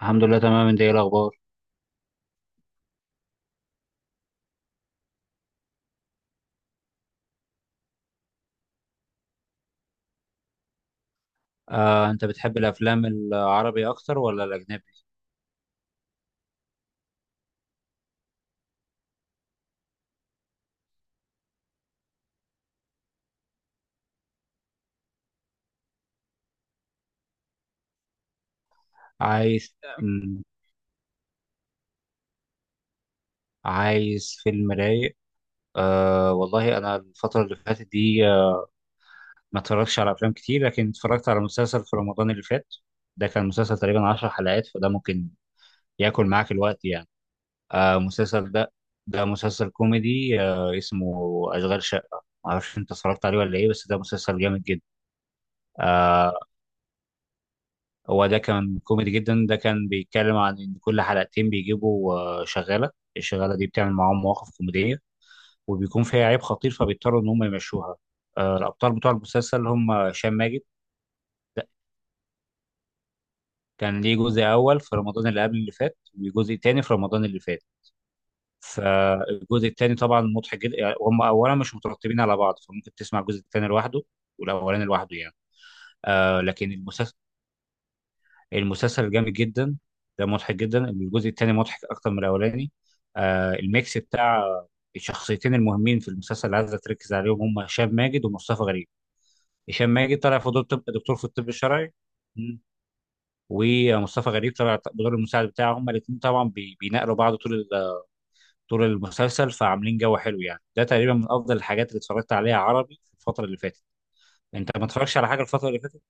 الحمد لله، تمام. انت ايه الاخبار؟ انت بتحب الافلام العربي اكتر ولا الاجنبي؟ عايز أم، عايز فيلم رايق. والله انا الفتره اللي فاتت دي، ما اتفرجتش على افلام كتير، لكن اتفرجت على مسلسل في رمضان اللي فات. ده كان مسلسل تقريبا 10 حلقات، فده ممكن ياكل معاك الوقت يعني. المسلسل ده، ده مسلسل كوميدي، اسمه اشغال شقه، معرفش انت اتفرجت عليه ولا ايه، بس ده مسلسل جامد جدا. آه، هو ده كان كوميدي جدا. ده كان بيتكلم عن ان كل حلقتين بيجيبوا شغاله. الشغاله دي بتعمل معاهم مواقف كوميديه، وبيكون فيها عيب خطير، فبيضطروا ان هم يمشوها. الابطال بتوع المسلسل هم هشام ماجد. ده كان ليه جزء اول في رمضان اللي قبل اللي فات، وجزء تاني في رمضان اللي فات. فالجزء التاني طبعا مضحك جدا، يعني هم اولا مش مترتبين على بعض، فممكن تسمع الجزء التاني لوحده والاولاني لوحده يعني. لكن المسلسل، المسلسل جامد جدا. ده مضحك جدا، الجزء الثاني مضحك اكتر من الاولاني. الميكس بتاع الشخصيتين المهمين في المسلسل اللي عايز تركز عليهم هم هشام ماجد ومصطفى غريب. هشام ماجد طلع في دور طب دكتور في الطب الشرعي. مم. ومصطفى غريب طلع بدور المساعد بتاعه. هما الاثنين طبعا بيناقلوا بعض طول المسلسل، فعاملين جو حلو يعني. ده تقريبا من افضل الحاجات اللي اتفرجت عليها عربي في الفتره اللي فاتت. انت ما اتفرجتش على حاجه الفتره اللي فاتت؟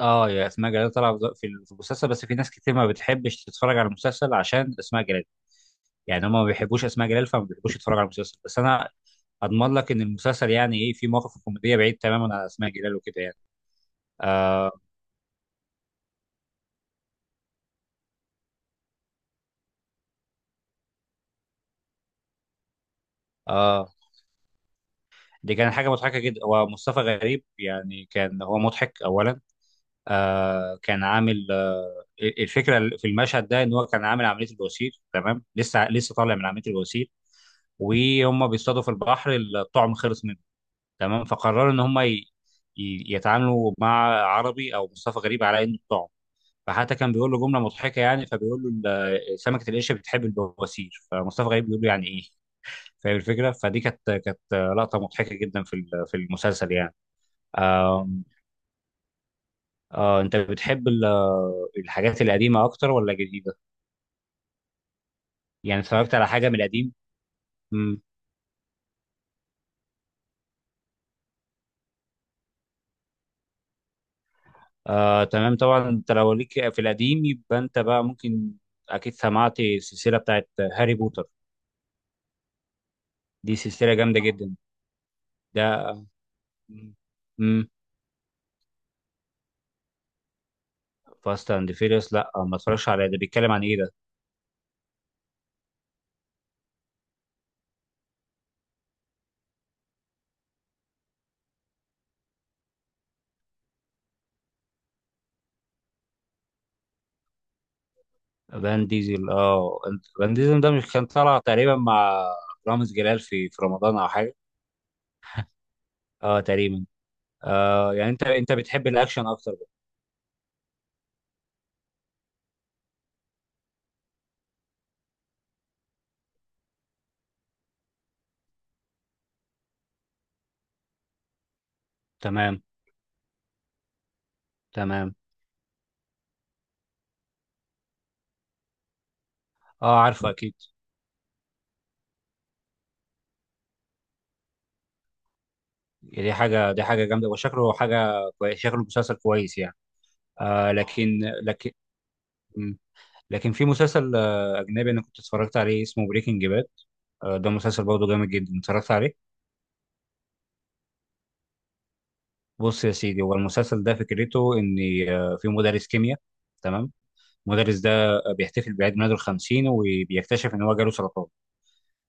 اه يا اسماء جلال طالعه في المسلسل، بس في ناس كتير ما بتحبش تتفرج على المسلسل عشان اسماء جلال، يعني هم ما بيحبوش اسماء جلال، فما بيحبوش يتفرجوا على المسلسل. بس انا اضمن لك ان المسلسل يعني ايه، في مواقف كوميديه بعيد تماما عن اسماء جلال وكده يعني. آه اه دي كانت حاجه مضحكه جدا. هو مصطفى غريب يعني كان هو مضحك اولا. كان عامل الفكره في المشهد ده ان هو كان عامل عمليه البواسير، تمام، لسه طالع من عمليه البواسير، وهم بيصطادوا في البحر، الطعم خلص منه، تمام، فقرروا ان هم يتعاملوا مع عربي او مصطفى غريب على انه بتوعه. فحتى كان بيقول له جمله مضحكه يعني، فبيقول له سمكه القشه بتحب البواسير، فمصطفى غريب بيقول له يعني ايه؟ فاهم الفكره. فدي كانت لقطه مضحكه جدا في في المسلسل يعني. آم، انت بتحب الحاجات القديمه اكتر ولا الجديده؟ يعني اتفرجت على حاجه من القديم؟ امم تمام، طبعا انت لو ليك في القديم، يبقى انت بقى ممكن اكيد سمعت السلسله بتاعت هاري بوتر. دي سلسلة جامدة جدا. ده. امم فاست اند فيريوس؟ لا ما اتفرجش عليه، ده بيتكلم عن ايه ده؟ فان ديزل، اه، فان ديزل ده مش كان طالع تقريبا مع رامز جلال في رمضان او حاجة؟ اه تقريبا. يعني انت بتحب الاكشن اكتر بقى. تمام. تمام. اه، عارفه اكيد. دي حاجة، دي حاجة جامدة، وشكله حاجة كويس، شكله مسلسل كويس يعني. لكن مم. لكن في مسلسل اجنبي انا كنت اتفرجت عليه، اسمه بريكنج باد. ده مسلسل برضه جامد جدا، اتفرجت عليه. بص يا سيدي، هو المسلسل ده فكرته ان في مدرس كيمياء، تمام. المدرس ده بيحتفل بعيد ميلاده الخمسين، وبيكتشف ان هو جاله سرطان.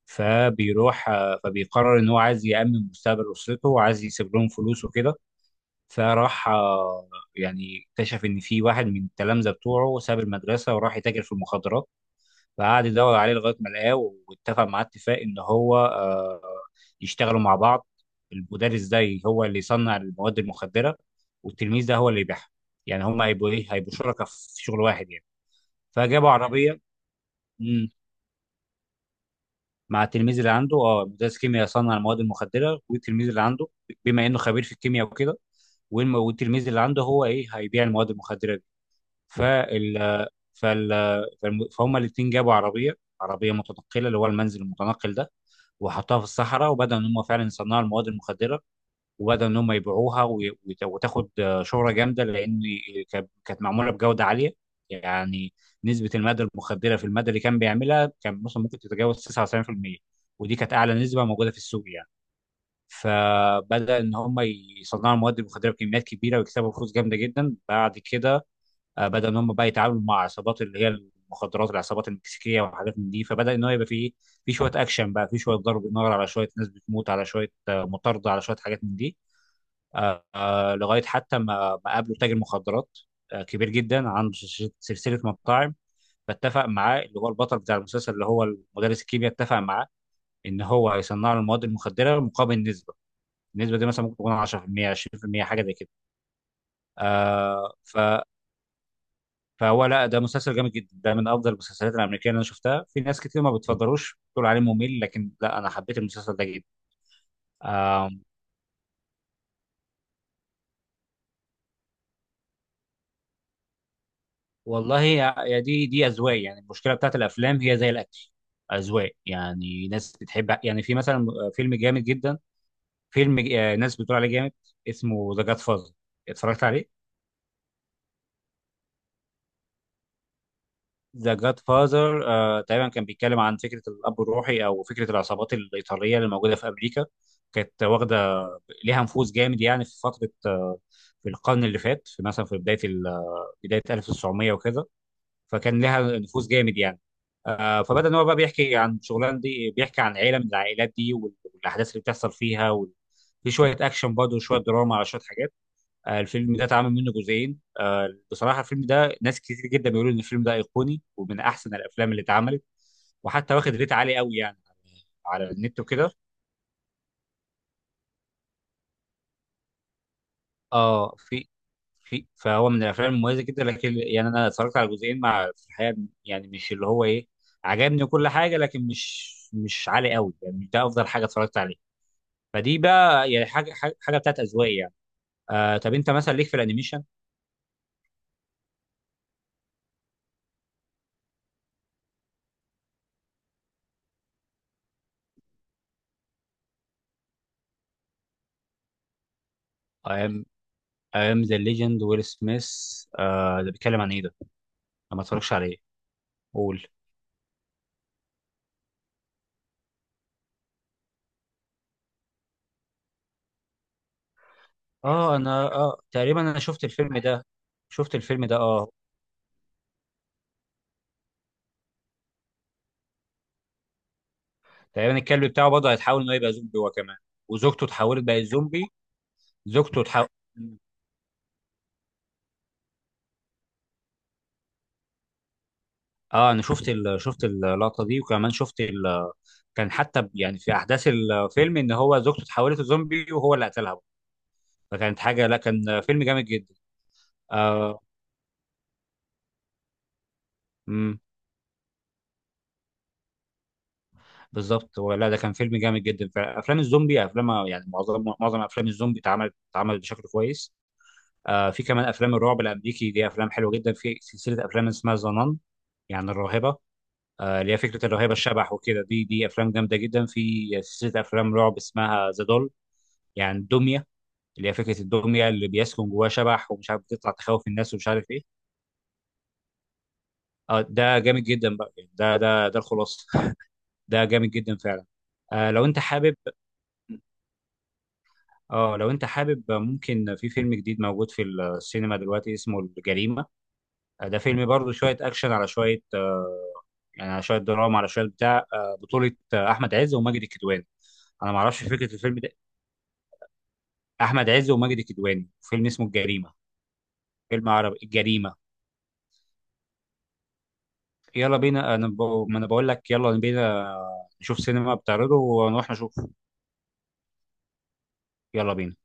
فبيروح، فبيقرر ان هو عايز يأمن مستقبل اسرته، وعايز يسيب لهم فلوس وكده. فراح، يعني اكتشف ان في واحد من التلامذه بتوعه ساب المدرسه، وراح يتاجر في المخدرات. فقعد يدور عليه لغايه ما لقاه، واتفق مع، اتفاق ان هو يشتغلوا مع بعض. المدرس ده هو اللي يصنع المواد المخدره، والتلميذ ده هو اللي يبيعها. يعني هم هيبقوا ايه؟ هيبقوا شركاء في شغل واحد يعني. فجابوا عربيه. مم، مع التلميذ اللي عنده، اه، مدرس كيمياء يصنع المواد المخدره والتلميذ اللي عنده، بما انه خبير في الكيمياء وكده، والتلميذ اللي عنده هو ايه؟ هيبيع المواد المخدره دي. فال فهم الاثنين جابوا عربيه، عربيه متنقله، اللي هو المنزل المتنقل ده، وحطوها في الصحراء، وبدأوا ان هم فعلا يصنعوا المواد المخدره، وبدأوا ان هم يبيعوها، وتاخد شهره جامده، لان كانت معموله بجوده عاليه يعني. نسبه الماده المخدره في الماده اللي كان بيعملها كان مثلا ممكن تتجاوز 99%، ودي كانت اعلى نسبه موجوده في السوق يعني. فبدأ ان هم يصنعوا المواد المخدره بكميات كبيره، ويكسبوا فلوس جامده جدا. بعد كده بدا ان هم بقى يتعاملوا مع عصابات، اللي هي المخدرات، العصابات المكسيكيه وحاجات من دي. فبدا ان هو يبقى فيه، في شويه اكشن بقى، في شويه ضرب نار، على شويه ناس بتموت، على شويه مطارده، على شويه حاجات من دي. لغايه حتى ما قابلوا تاجر مخدرات كبير جدا، عنده سلسله، سلسلة مطاعم. فاتفق معاه، اللي هو البطل بتاع المسلسل اللي هو مدرس الكيمياء، اتفق معاه ان هو هيصنع له المواد المخدره مقابل نسبه. النسبه دي مثلا ممكن تكون 10% 20% حاجه زي كده. آه ف فهو لا، ده مسلسل جامد جدا، ده من افضل المسلسلات الامريكيه اللي انا شفتها. في ناس كتير ما بتفضلوش، بتقول عليه ممل، لكن لا، انا حبيت المسلسل ده جدا. آم والله يا دي اذواق يعني، المشكله بتاعت الافلام هي زي الاكل، اذواق، يعني ناس بتحب، يعني في مثلا فيلم جامد جدا، فيلم ج- آه، ناس بتقول عليه جامد، اسمه ذا جاد فازر. اتفرجت عليه؟ ذا جاد فازر تقريبا كان بيتكلم عن فكره الاب الروحي، او فكره العصابات الايطاليه اللي موجوده في امريكا. كانت واخده ليها نفوذ جامد يعني في فتره، في القرن اللي فات، في مثلا في بدايه 1900 وكده. فكان لها نفوذ جامد يعني. فبدا ان هو بقى بيحكي عن شغلان دي، بيحكي عن عيله من العائلات دي، والاحداث اللي بتحصل فيها في شويه اكشن برضه، وشويه دراما، على شويه حاجات. الفيلم ده اتعمل منه جزئين. بصراحه، الفيلم ده ناس كتير جدا بيقولوا ان الفيلم ده ايقوني ومن احسن الافلام اللي اتعملت، وحتى واخد ريت عالي قوي يعني على النت وكده. اه، في في فهو من الافلام المميزه جدا، لكن يعني انا اتفرجت على جزئين مع في الحقيقه، يعني مش اللي هو ايه، عجبني كل حاجه، لكن مش، مش عالي قوي يعني، مش ده افضل حاجه اتفرجت عليها. فدي بقى يعني حاجة بتاعت اذواق يعني. طب انت مثلا ليك في الانيميشن؟ ايام ايام ذا ليجند، ويل سميث. ده بيتكلم عن ايه ده؟ انا ما اتفرجش عليه. قول. اه، انا اه تقريبا انا شفت الفيلم ده. شفت الفيلم ده اه. تقريبا الكلب بتاعه برضه هيتحول انه يبقى زومبي هو كمان، وزوجته اتحولت بقت زومبي. زوجته تحاول. اه انا شفت اللقطه دي، وكمان كان حتى يعني في احداث الفيلم ان هو زوجته اتحولت لزومبي، وهو اللي قتلها، فكانت حاجه، لا كان فيلم جامد جدا. آه امم بالظبط. هو لا، ده كان فيلم جامد جدا. فافلام الزومبي، افلام يعني، معظم افلام الزومبي اتعملت بشكل كويس. في كمان افلام الرعب الامريكي دي افلام حلوه جدا. في سلسله افلام اسمها ذا نان، يعني الراهبه. اللي هي فكره الرهيبه، الشبح وكده. دي افلام جامده جدا. في سلسله افلام رعب اسمها ذا، يعني الدميه، اللي هي فكره الدميه اللي بيسكن جواها شبح ومش عارف بتطلع تخوف الناس، ومش عارف ايه. اه ده جامد جدا بقى يعني، ده الخلاصه. ده جامد جدا فعلا. لو انت حابب، اه لو انت حابب، ممكن في فيلم جديد موجود في السينما دلوقتي اسمه الجريمة. ده فيلم برضه شوية اكشن، على شوية يعني، على شوية دراما، على شوية بتاع، بطولة احمد عز وماجد الكدواني. انا ما اعرفش فكرة الفيلم ده. احمد عز وماجد الكدواني، فيلم اسمه الجريمة. فيلم عربي، الجريمة. يلا بينا ما انا بقول لك يلا بينا، نشوف سينما بتعرضه ونروح نشوف. يلا بينا.